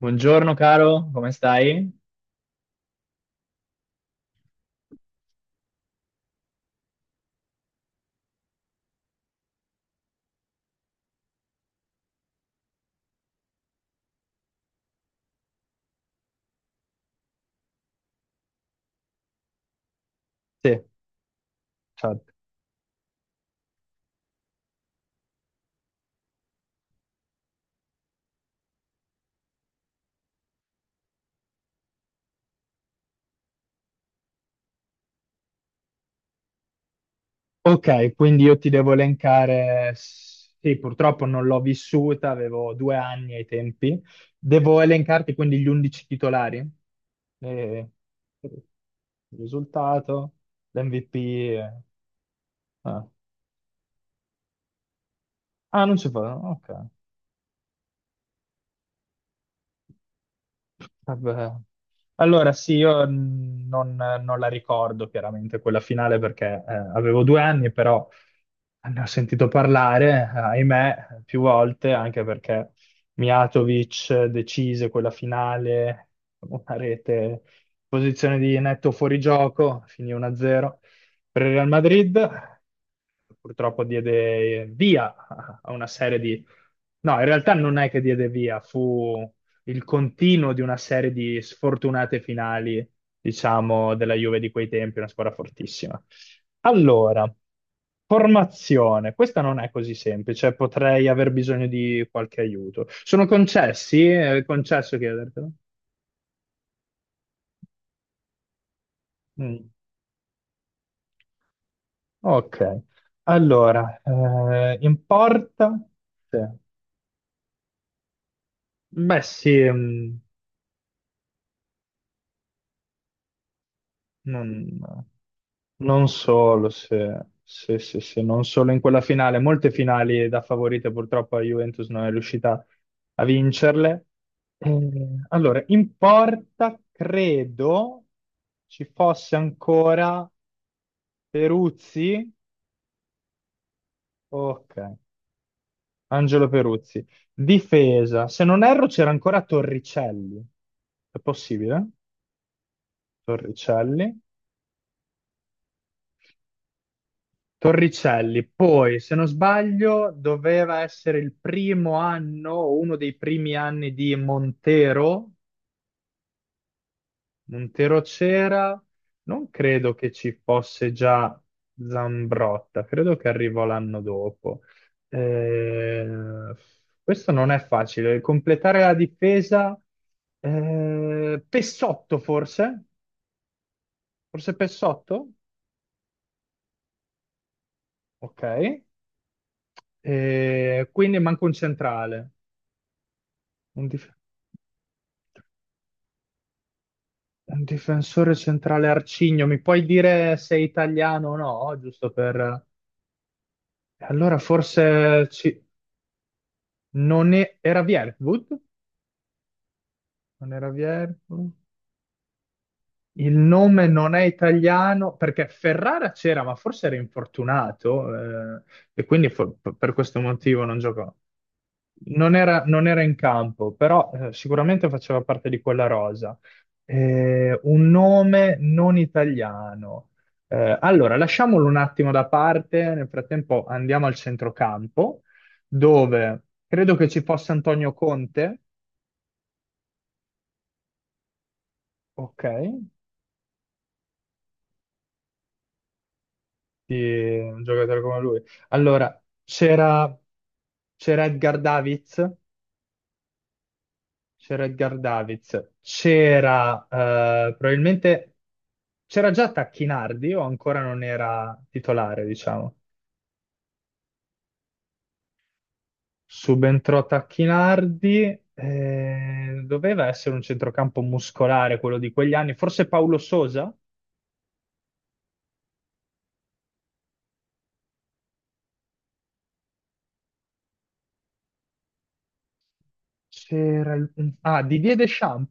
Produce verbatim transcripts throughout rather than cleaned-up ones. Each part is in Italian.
Buongiorno caro, come stai? Sì, ciao. Ok, quindi io ti devo elencare, sì, purtroppo non l'ho vissuta, avevo due anni ai tempi. Devo elencarti quindi gli undici titolari, E- il risultato, l'M V P. Ah. Ah, non ci fa, ok. Vabbè. Allora, sì, io mh, non, non la ricordo chiaramente quella finale perché eh, avevo due anni, però ne ho sentito parlare, ahimè, più volte, anche perché Mijatovic decise quella finale, una rete, posizione di netto fuorigioco, finì uno a zero per il Real Madrid, purtroppo diede via a una serie di... No, in realtà non è che diede via, fu il continuo di una serie di sfortunate finali, diciamo, della Juve di quei tempi, una squadra fortissima. Allora, formazione. Questa non è così semplice, potrei aver bisogno di qualche aiuto. Sono concessi? È concesso chiedertelo? Mm, ok. Allora, eh, in porta? Sì. Beh, sì, mm, non, non solo, se, se- se- se non solo in quella finale, molte finali da favorite purtroppo la Juventus non è riuscita a vincerle. Eh, allora, in porta credo ci fosse ancora Peruzzi, ok, Angelo Peruzzi. Difesa, se non erro c'era ancora Torricelli, è possibile? Torricelli. Torricelli, poi se non sbaglio doveva essere il primo anno, o uno dei primi anni di Montero, Montero c'era, non credo che ci fosse già Zambrotta, credo che arrivò l'anno dopo. Eh, Questo non è facile, completare la difesa, eh, Pessotto forse, forse Pessotto, ok, eh, quindi manca un centrale. Un dif- Un difensore centrale arcigno, mi puoi dire se è italiano o no? Giusto per... Allora forse ci- Non è... era Vierwood? Non era Vierwood? Il nome non è italiano perché Ferrara c'era, ma forse era infortunato eh, e quindi fo- per questo motivo non giocò. Non era, non era in campo, però eh, sicuramente faceva parte di quella rosa. Eh, un nome non italiano. Eh, allora, lasciamolo un attimo da parte, nel frattempo andiamo al centrocampo, dove credo che ci fosse Antonio Conte. Ok. Di un giocatore come lui. Allora, c'era c'era Edgar Davids, c'era Edgar Davids, c'era eh, probabilmente c'era già Tacchinardi o ancora non era titolare, diciamo. Subentrò Tacchinardi, eh, doveva essere un centrocampo muscolare quello di quegli anni, forse Paolo Sosa, c'era il- ah, Didier Deschamps,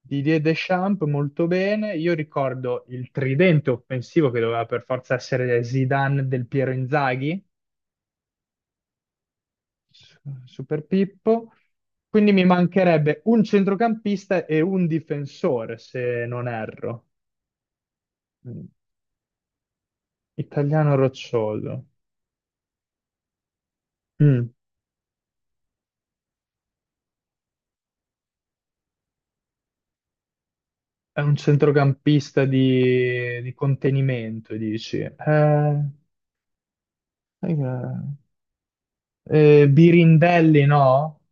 Didier Deschamps, molto bene. Io ricordo il tridente offensivo che doveva per forza essere Zidane, del Piero, Inzaghi, su- Super Pippo. Quindi mi mancherebbe un centrocampista e un difensore, se non erro. Mm. Italiano roccioso. Mm. È un centrocampista di, di contenimento, dici. Eh, eh, eh, Birindelli no?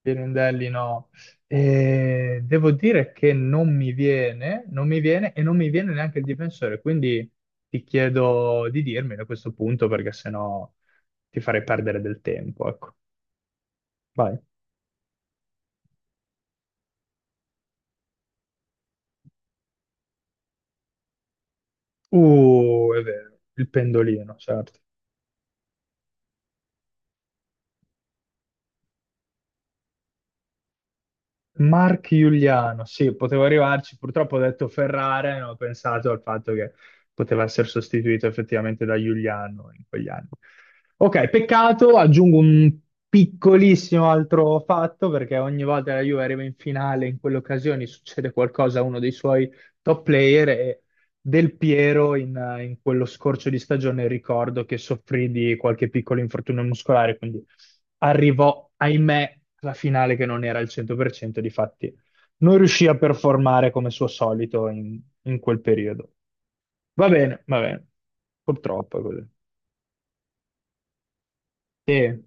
Pirandelli no. E devo dire che non mi viene, non mi viene e non mi viene neanche il difensore, quindi ti chiedo di dirmelo a questo punto perché sennò ti farei perdere del tempo, ecco. Vai. Uh, è vero, il pendolino, certo. Mark Giuliano, sì, potevo arrivarci, purtroppo ho detto Ferrara e non ho pensato al fatto che poteva essere sostituito effettivamente da Giuliano in quegli anni. Ok, peccato, aggiungo un piccolissimo altro fatto, perché ogni volta che la Juve arriva in finale, in quelle occasioni succede qualcosa a uno dei suoi top player e del Piero in, eh, in quello scorcio di stagione ricordo che soffrì di qualche piccolo infortunio muscolare, quindi arrivò, ahimè, alla finale che non era al cento per cento, difatti non riuscì a performare come suo solito in, in quel periodo. Va bene, va bene, purtroppo è così. E,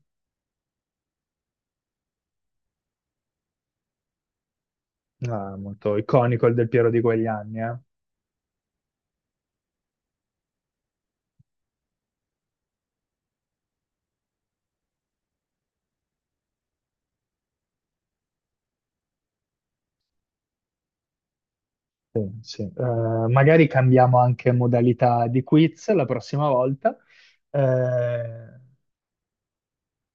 ah, molto iconico il Del Piero di quegli anni, eh. Sì, sì. Eh, magari cambiamo anche modalità di quiz la prossima volta. Eh,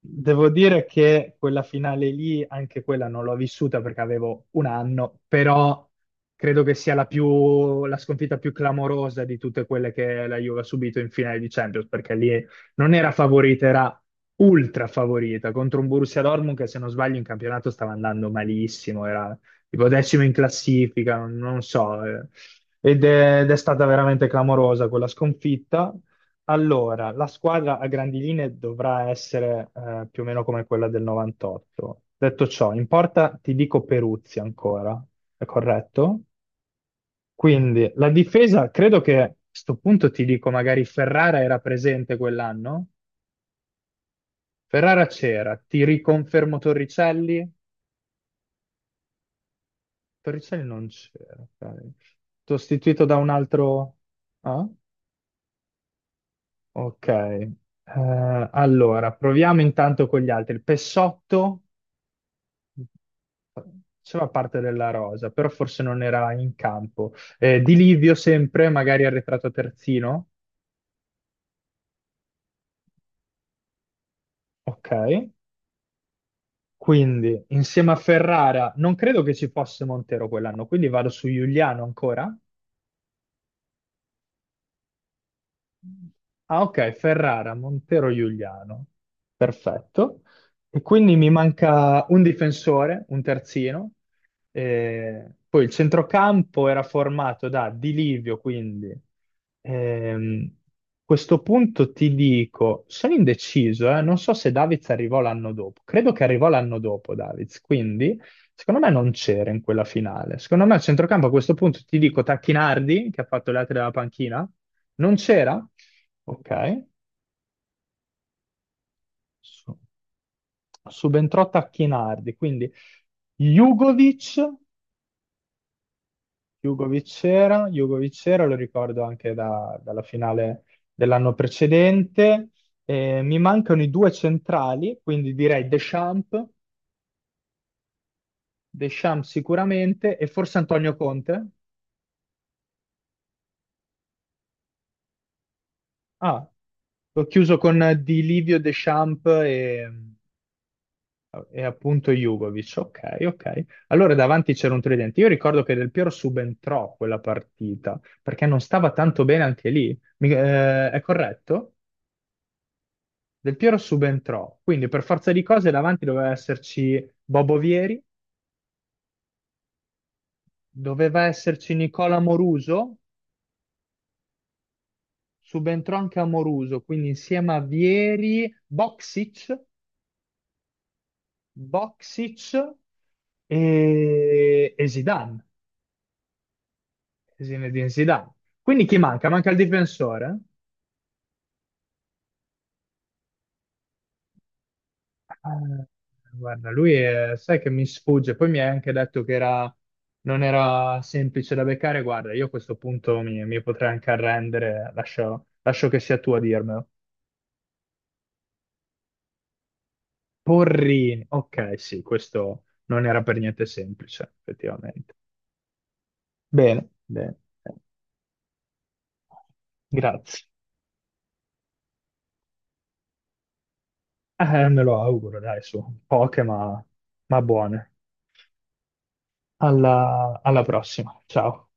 Devo dire che quella finale lì, anche quella non l'ho vissuta perché avevo un anno, però credo che sia la più, la sconfitta più clamorosa di tutte quelle che la Juve ha subito in finale di Champions, perché lì non era favorita, era ultra favorita contro un Borussia Dortmund che se non sbaglio in campionato stava andando malissimo, era tipo decimo in classifica, non, non so, eh. Ed è ed è stata veramente clamorosa quella sconfitta. Allora, la squadra a grandi linee dovrà essere eh, più o meno come quella del novantotto. Detto ciò, in porta ti dico Peruzzi ancora, è corretto? Quindi la difesa, credo che a sto punto ti dico, magari Ferrara era presente quell'anno? Ferrara c'era, ti riconfermo Torricelli? Torricelli non c'era, ok. Sostituito da un altro... Ah? Ok. Eh, allora, proviamo intanto con gli altri. Pessotto? Faceva parte della rosa, però forse non era in campo. Eh, Di Livio sempre, magari arretrato terzino, ok. Quindi insieme a Ferrara, non credo che ci fosse Montero quell'anno, quindi vado su Giuliano ancora. Ah, ok, Ferrara, Montero, Giuliano. Perfetto. E quindi mi manca un difensore, un terzino. Eh, poi il centrocampo era formato da Di Livio, quindi ehm, a questo punto ti dico, sono indeciso, eh, non so se Davids arrivò l'anno dopo. Credo che arrivò l'anno dopo Davids, quindi secondo me non c'era in quella finale. Secondo me il centrocampo a questo punto ti dico Tacchinardi, che ha fatto le altre della panchina, non c'era? Ok. Su- Subentrò Tacchinardi, quindi Jugovic, Jugovic c'era, Jugovic c'era, lo ricordo anche da- dalla finale dell'anno precedente. Eh, mi mancano i due centrali, quindi direi Deschamps, Deschamps sicuramente, e forse Antonio Conte. Ah, ho chiuso con Di Livio, Deschamps e E appunto Jugovic, ok, ok. Allora davanti c'era un tridente. Io ricordo che Del Piero subentrò quella partita perché non stava tanto bene anche lì. Mi- eh, è corretto? Del Piero subentrò, quindi per forza di cose davanti doveva esserci Bobo Vieri, doveva esserci Nicola Moruso, subentrò anche a Moruso, quindi insieme a Vieri, Boxic, Boxic e, e Zidane, Zinedine Zidane. Quindi chi manca? Manca il difensore? Eh, Guarda, lui è- sai che mi sfugge, poi mi hai anche detto che era- non era semplice da beccare. Guarda, io a questo punto mi, mi potrei anche arrendere, lascio, lascio che sia tu a dirmelo. Porrini, ok, sì, questo non era per niente semplice, effettivamente. Bene, bene, bene. Grazie. Eh, me lo auguro, dai, su, poche ma, ma buone. Alla alla prossima, ciao.